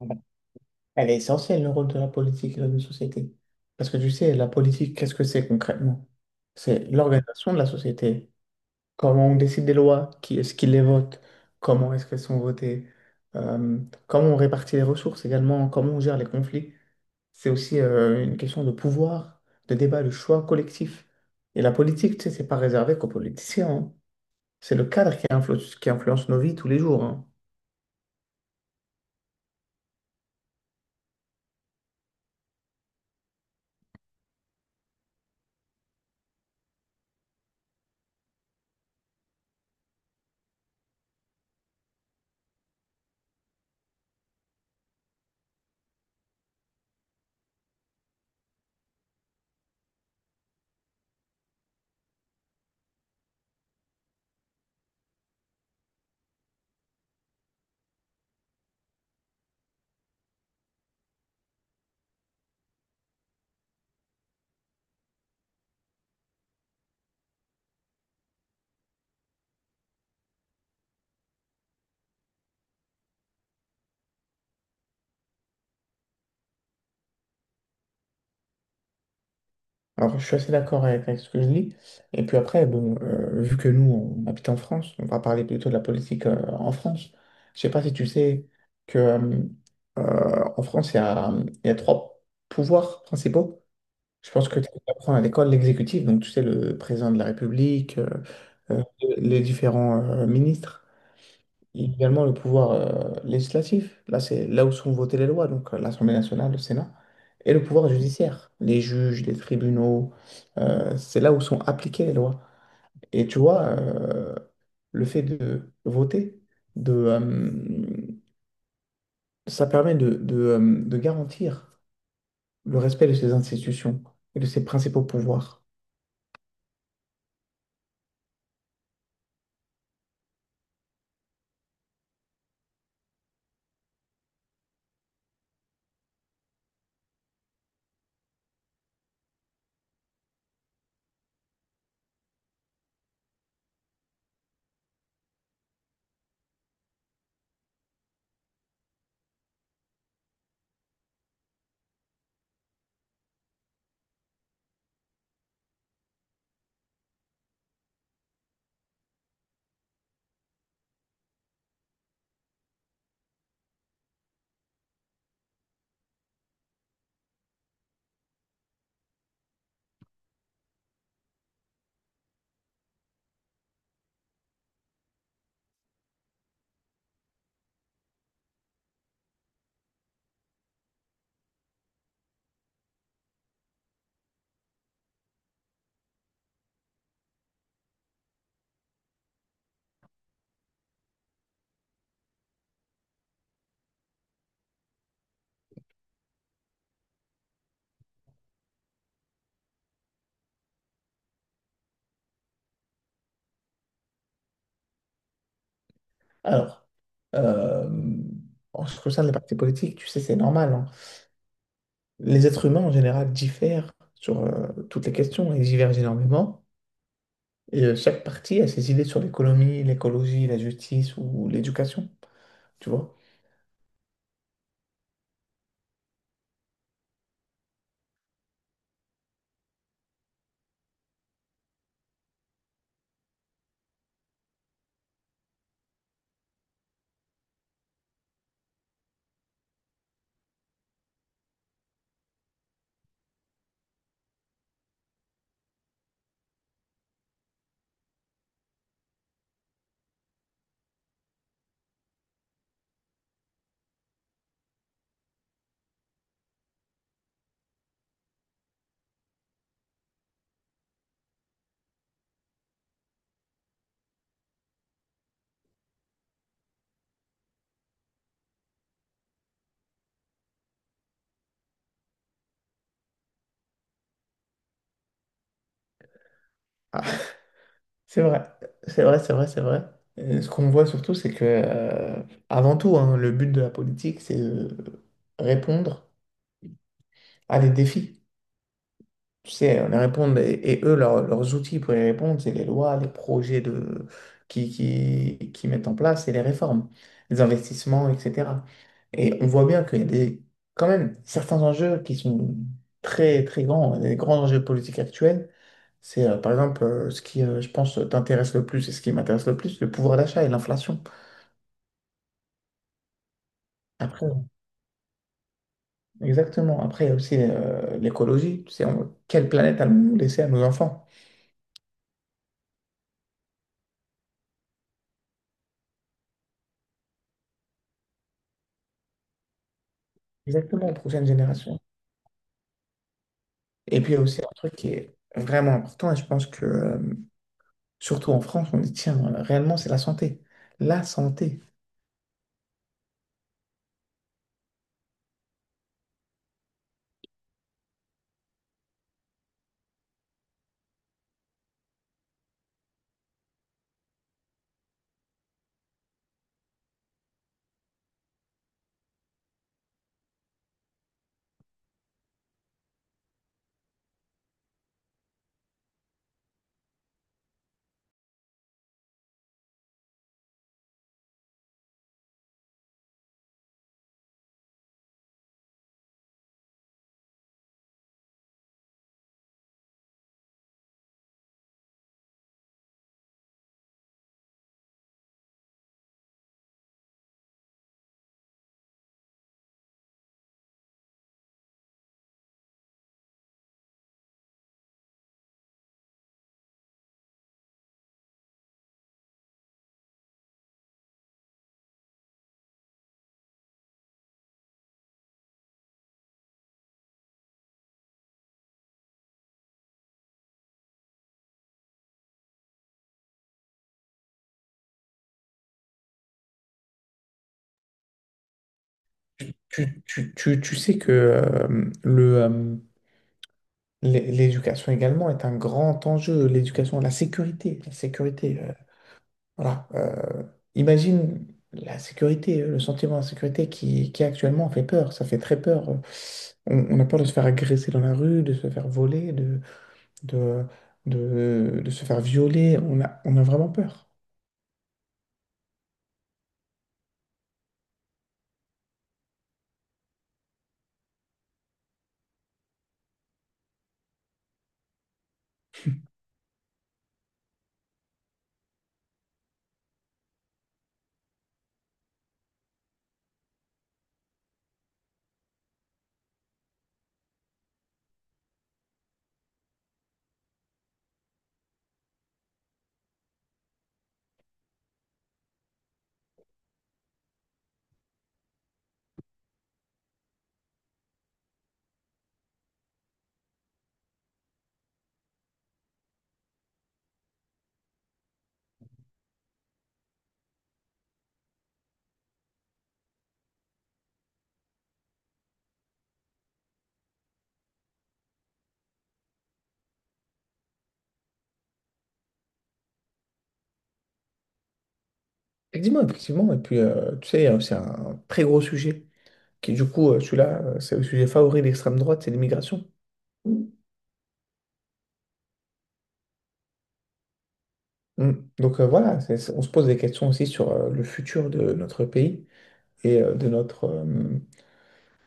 Ah ben, elle est essentielle, le rôle de la politique et de la société. Parce que tu sais, la politique, qu'est-ce que c'est concrètement? C'est l'organisation de la société. Comment on décide des lois, qui est-ce qui les vote, comment est-ce qu'elles sont votées, euh, comment on répartit les ressources également, comment on gère les conflits. C'est aussi une question de pouvoir, de débat, de choix collectif. Et la politique, tu sais, c'est pas réservé qu'aux politiciens, hein. C'est le cadre qui influence nos vies tous les jours, hein. Alors, je suis assez d'accord avec ce que je dis. Et puis après, bon, vu que nous, on habite en France, on va parler plutôt de la politique en France. Je sais pas si tu sais que en France, il y a trois pouvoirs principaux. Je pense que tu apprends à l'école l'exécutif, donc tu sais, le président de la République, euh, les différents ministres. Et également le pouvoir législatif, là c'est là où sont votées les lois, donc l'Assemblée nationale, le Sénat, et le pouvoir judiciaire, les juges, les tribunaux, c'est là où sont appliquées les lois. Et tu vois, le fait de voter, de, euh, ça permet de garantir le respect de ces institutions et de ses principaux pouvoirs. Alors, euh, en ce qui concerne les partis politiques, tu sais, c'est normal, hein. Les êtres humains en général diffèrent sur toutes les questions, ils divergent énormément. Et chaque parti a ses idées sur l'économie, l'écologie, la justice ou l'éducation, tu vois. Ah, c'est vrai, c'est vrai, c'est vrai, c'est vrai. Et ce qu'on voit surtout, c'est que, avant tout, hein, le but de la politique, c'est de répondre à des défis. Tu sais, on y répondre, et eux, leurs outils pour y répondre, c'est les lois, les projets de, qui mettent en place et les réformes, les investissements, etc. Et on voit bien qu'il y a des, quand même certains enjeux qui sont très, très grands. Les grands enjeux politiques actuels, c'est par exemple ce qui, je pense, t'intéresse le plus et ce qui m'intéresse le plus, le pouvoir d'achat et l'inflation. Après, exactement. Après, il y a aussi l'écologie. Tu sais, quelle planète allons-nous laisser à nos enfants? Exactement, aux prochaines générations. Et puis, il y a aussi un truc qui est vraiment important, et je pense que, surtout en France, on dit, tiens, réellement, c'est la santé. La santé. Tu sais que l'éducation également est un grand enjeu. L'éducation, la sécurité. La sécurité, voilà. Imagine la sécurité, le sentiment d'insécurité qui actuellement fait peur. Ça fait très peur. On a peur de se faire agresser dans la rue, de se faire voler, de, de se faire violer. On a vraiment peur. Effectivement, effectivement. Et puis, tu sais, c'est un très gros sujet qui, du coup, celui-là, c'est le sujet favori de l'extrême droite, c'est l'immigration. Mm. Donc voilà, on se pose des questions aussi sur le futur de notre pays et de notre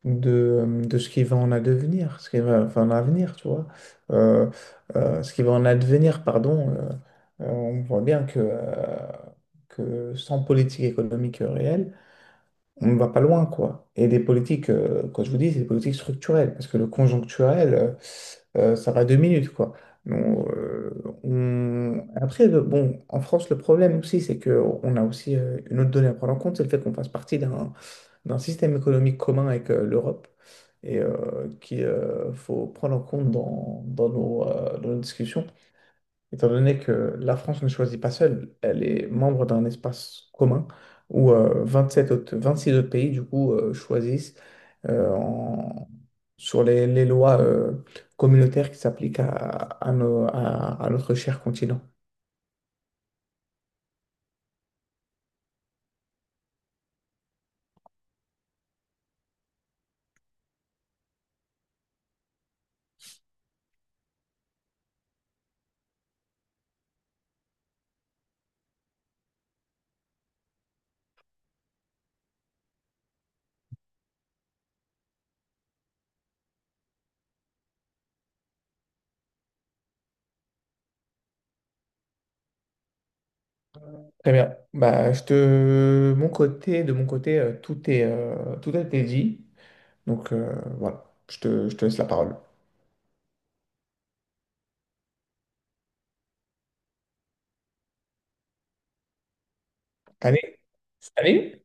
de, de ce qui va en advenir, ce qui va enfin, en avenir, tu vois. Euh, Ce qui va en advenir, pardon. On voit bien que sans politique économique réelle, on ne va pas loin, quoi. Et des politiques, quand je vous dis, c'est des politiques structurelles, parce que le conjoncturel, ça va deux minutes, quoi. Donc, après, bon, en France, le problème aussi, c'est qu'on a aussi une autre donnée à prendre en compte, c'est le fait qu'on fasse partie d'un système économique commun avec l'Europe et qu'il faut prendre en compte dans, dans nos discussions étant donné que la France ne choisit pas seule, elle est membre d'un espace commun où 27 autres, 26 autres pays, du coup, choisissent euh, en- sur les, lois communautaires qui s'appliquent à notre cher continent. Très bien. Bah, je te... mon côté, de mon côté, tout est, tout a été dit. Donc voilà, je te laisse la parole. Allez, allez.